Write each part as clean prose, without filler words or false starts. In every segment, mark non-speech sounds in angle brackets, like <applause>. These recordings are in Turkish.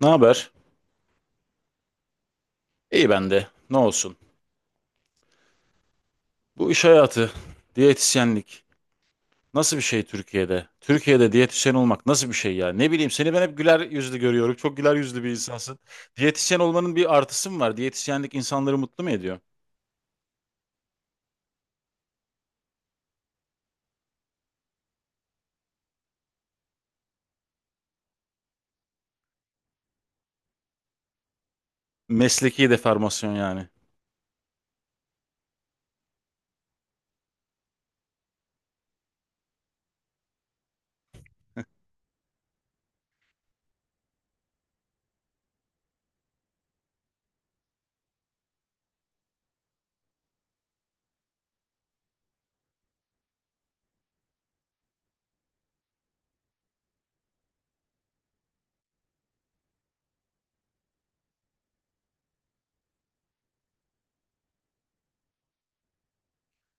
Ne haber? İyi bende. Ne olsun? Bu iş hayatı, diyetisyenlik nasıl bir şey Türkiye'de? Türkiye'de diyetisyen olmak nasıl bir şey ya? Ne bileyim seni ben hep güler yüzlü görüyorum. Çok güler yüzlü bir insansın. Diyetisyen olmanın bir artısı mı var? Diyetisyenlik insanları mutlu mu ediyor? Mesleki deformasyon yani.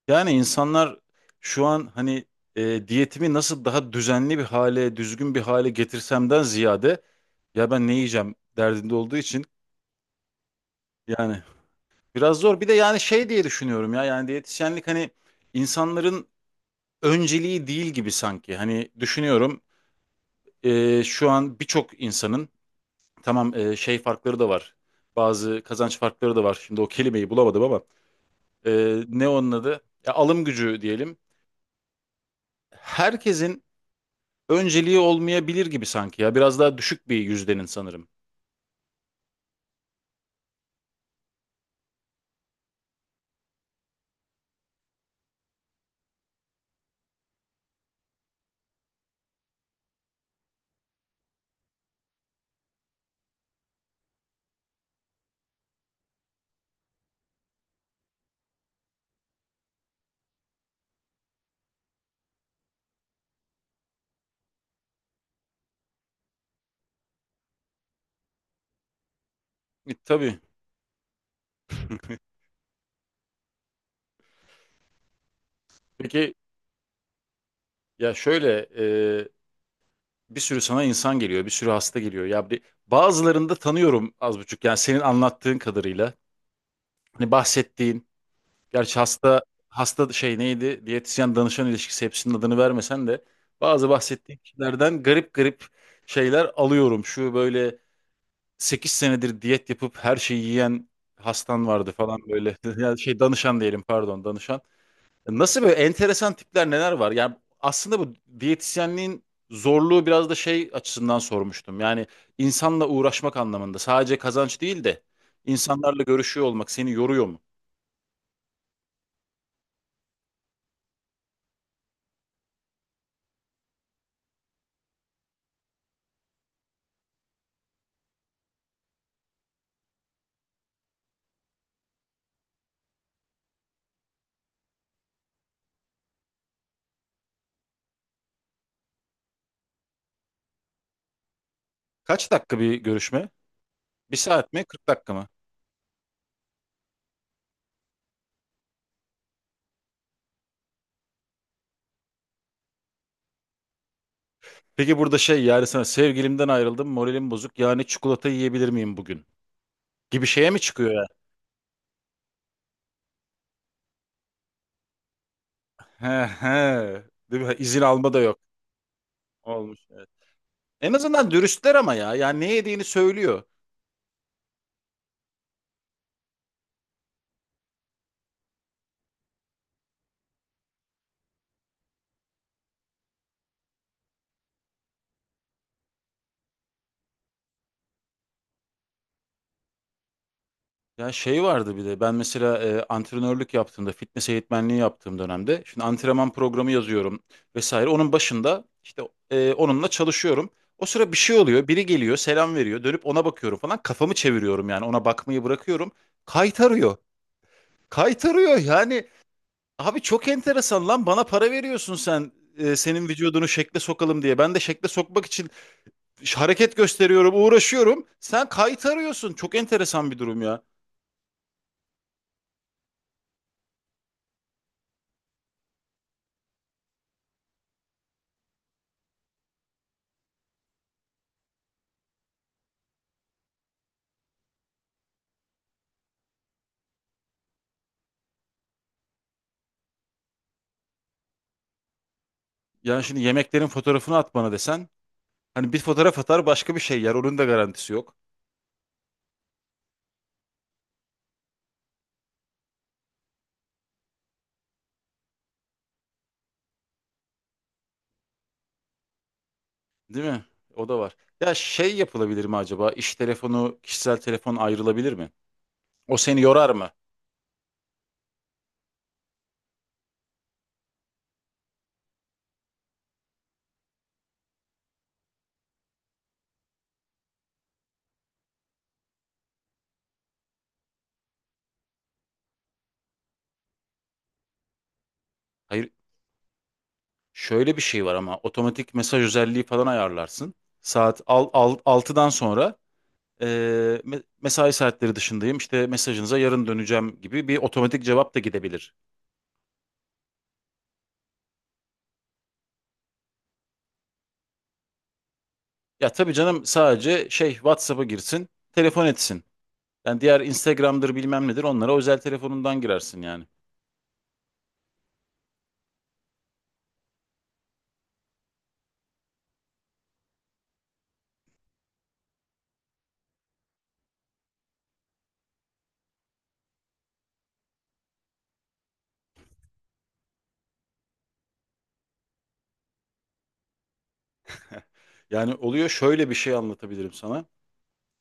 Yani insanlar şu an hani diyetimi nasıl daha düzenli bir hale, düzgün bir hale getirsemden ziyade ya ben ne yiyeceğim derdinde olduğu için yani. Biraz zor. Bir de yani şey diye düşünüyorum ya, yani diyetisyenlik hani insanların önceliği değil gibi sanki. Hani düşünüyorum, şu an birçok insanın tamam, şey farkları da var. Bazı kazanç farkları da var. Şimdi o kelimeyi bulamadım ama ne onun adı? Ya, alım gücü diyelim. Herkesin önceliği olmayabilir gibi sanki ya. Biraz daha düşük bir yüzdenin sanırım. E, tabii. Peki ya şöyle, bir sürü sana insan geliyor, bir sürü hasta geliyor. Ya bir, bazılarını da tanıyorum az buçuk. Yani senin anlattığın kadarıyla. Hani bahsettiğin, gerçi hasta şey neydi? Diyetisyen danışan ilişkisi hepsinin adını vermesen de bazı bahsettiğin kişilerden garip garip şeyler alıyorum. Şu böyle 8 senedir diyet yapıp her şeyi yiyen hastan vardı falan böyle. <laughs> Yani şey, danışan diyelim, pardon, danışan. Nasıl böyle enteresan tipler, neler var? Yani aslında bu diyetisyenliğin zorluğu biraz da şey açısından sormuştum. Yani insanla uğraşmak anlamında, sadece kazanç değil de insanlarla görüşüyor olmak seni yoruyor mu? Kaç dakika bir görüşme? Bir saat mi? 40 dakika mı? Peki burada şey, yani sana sevgilimden ayrıldım, moralim bozuk. Yani çikolata yiyebilir miyim bugün? Gibi şeye mi çıkıyor ya? He he. Değil mi? İzin alma da yok. Olmuş, evet. En azından dürüstler ama ya. Yani ne yediğini söylüyor. Ya şey vardı bir de, ben mesela antrenörlük yaptığımda, fitness eğitmenliği yaptığım dönemde, şimdi antrenman programı yazıyorum vesaire, onun başında işte onunla çalışıyorum. O sıra bir şey oluyor, biri geliyor selam veriyor, dönüp ona bakıyorum falan, kafamı çeviriyorum, yani ona bakmayı bırakıyorum, kaytarıyor, kaytarıyor yani. Abi çok enteresan lan, bana para veriyorsun sen, senin vücudunu şekle sokalım diye ben de şekle sokmak için hareket gösteriyorum, uğraşıyorum, sen kaytarıyorsun. Çok enteresan bir durum ya. Yani şimdi yemeklerin fotoğrafını at bana desen. Hani bir fotoğraf atar, başka bir şey yer. Onun da garantisi yok. Değil mi? O da var. Ya şey yapılabilir mi acaba? İş telefonu, kişisel telefon ayrılabilir mi? O seni yorar mı? Hayır. Şöyle bir şey var ama, otomatik mesaj özelliği falan ayarlarsın. Saat 6'dan sonra e, mesai saatleri dışındayım, işte mesajınıza yarın döneceğim gibi bir otomatik cevap da gidebilir. Ya tabii canım, sadece şey, WhatsApp'a girsin, telefon etsin. Yani diğer Instagram'dır bilmem nedir, onlara özel telefonundan girersin yani. Yani oluyor, şöyle bir şey anlatabilirim sana.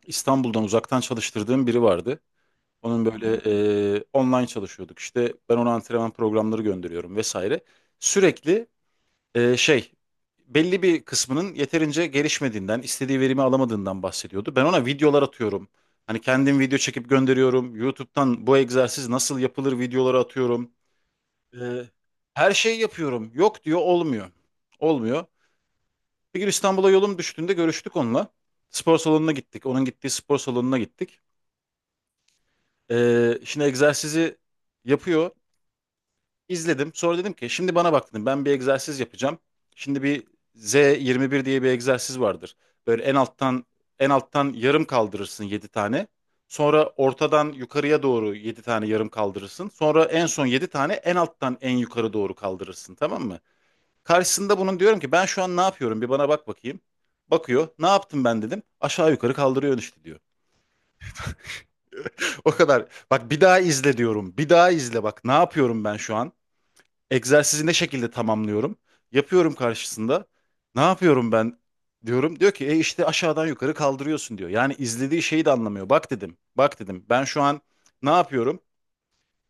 İstanbul'dan uzaktan çalıştırdığım biri vardı. Onun böyle, online çalışıyorduk işte, ben ona antrenman programları gönderiyorum vesaire. Sürekli şey, belli bir kısmının yeterince gelişmediğinden, istediği verimi alamadığından bahsediyordu. Ben ona videolar atıyorum. Hani kendim video çekip gönderiyorum. YouTube'dan bu egzersiz nasıl yapılır videoları atıyorum. Ee, her şeyi yapıyorum. Yok diyor, olmuyor. Olmuyor. Bir gün İstanbul'a yolum düştüğünde görüştük onunla. Spor salonuna gittik. Onun gittiği spor salonuna gittik. Şimdi egzersizi yapıyor. İzledim. Sonra dedim ki şimdi bana bak dedim, ben bir egzersiz yapacağım. Şimdi bir Z21 diye bir egzersiz vardır. Böyle en alttan yarım kaldırırsın 7 tane. Sonra ortadan yukarıya doğru 7 tane yarım kaldırırsın. Sonra en son 7 tane en alttan en yukarı doğru kaldırırsın. Tamam mı? Karşısında bunun diyorum ki, ben şu an ne yapıyorum, bir bana bak bakayım. Bakıyor. Ne yaptım ben dedim. Aşağı yukarı kaldırıyor işte diyor. <laughs> O kadar. Bak bir daha izle diyorum. Bir daha izle bak. Ne yapıyorum ben şu an? Egzersizi ne şekilde tamamlıyorum? Yapıyorum karşısında. Ne yapıyorum ben diyorum. Diyor ki işte aşağıdan yukarı kaldırıyorsun diyor. Yani izlediği şeyi de anlamıyor. Bak dedim. Bak dedim. Ben şu an ne yapıyorum?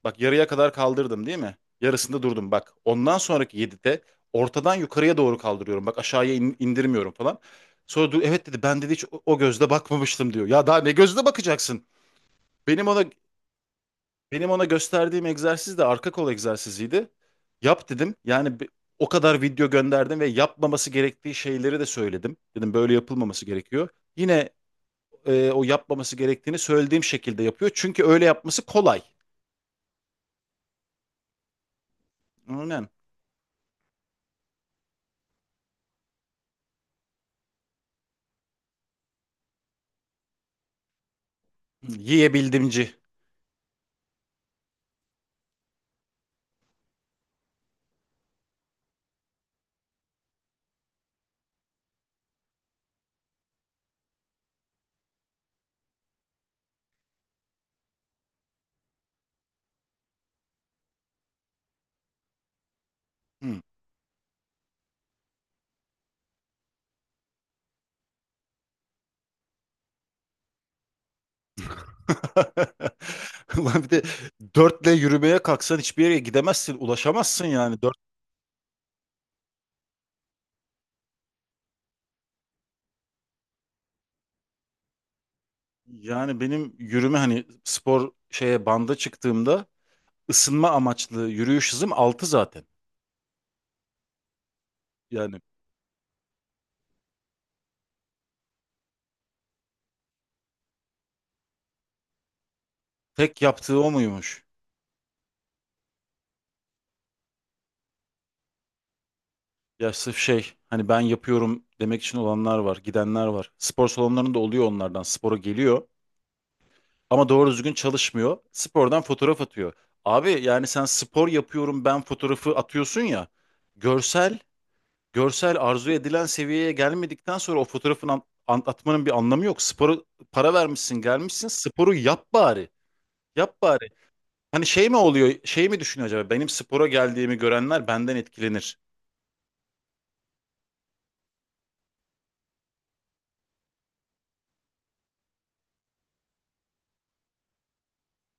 Bak yarıya kadar kaldırdım değil mi? Yarısında durdum bak. Ondan sonraki 7'de ortadan yukarıya doğru kaldırıyorum. Bak aşağıya indirmiyorum falan. Sonra dur, evet dedi, ben dedi hiç o gözle bakmamıştım diyor. Ya daha ne gözle bakacaksın? Benim ona benim ona gösterdiğim egzersiz de arka kol egzersiziydi. Yap dedim. Yani o kadar video gönderdim ve yapmaması gerektiği şeyleri de söyledim. Dedim böyle yapılmaması gerekiyor. Yine o yapmaması gerektiğini söylediğim şekilde yapıyor. Çünkü öyle yapması kolay. Aynen. Hı, yiyebildimci. Hı. <laughs> Ulan bir de 4'le yürümeye kalksan hiçbir yere gidemezsin, ulaşamazsın yani. 4, yani benim yürüme, hani spor şeye, banda çıktığımda ısınma amaçlı yürüyüş hızım 6 zaten. Yani tek yaptığı o muymuş? Ya sırf şey, hani ben yapıyorum demek için olanlar var, gidenler var. Spor salonlarında oluyor onlardan. Spora geliyor ama doğru düzgün çalışmıyor. Spordan fotoğraf atıyor. Abi yani sen spor yapıyorum ben fotoğrafı atıyorsun ya. Görsel görsel arzu edilen seviyeye gelmedikten sonra o fotoğrafın anlatmanın bir anlamı yok. Sporu, para vermişsin, gelmişsin. Sporu yap bari. Yap bari. Hani şey mi oluyor? Şey mi düşünüyor acaba? Benim spora geldiğimi görenler benden etkilenir.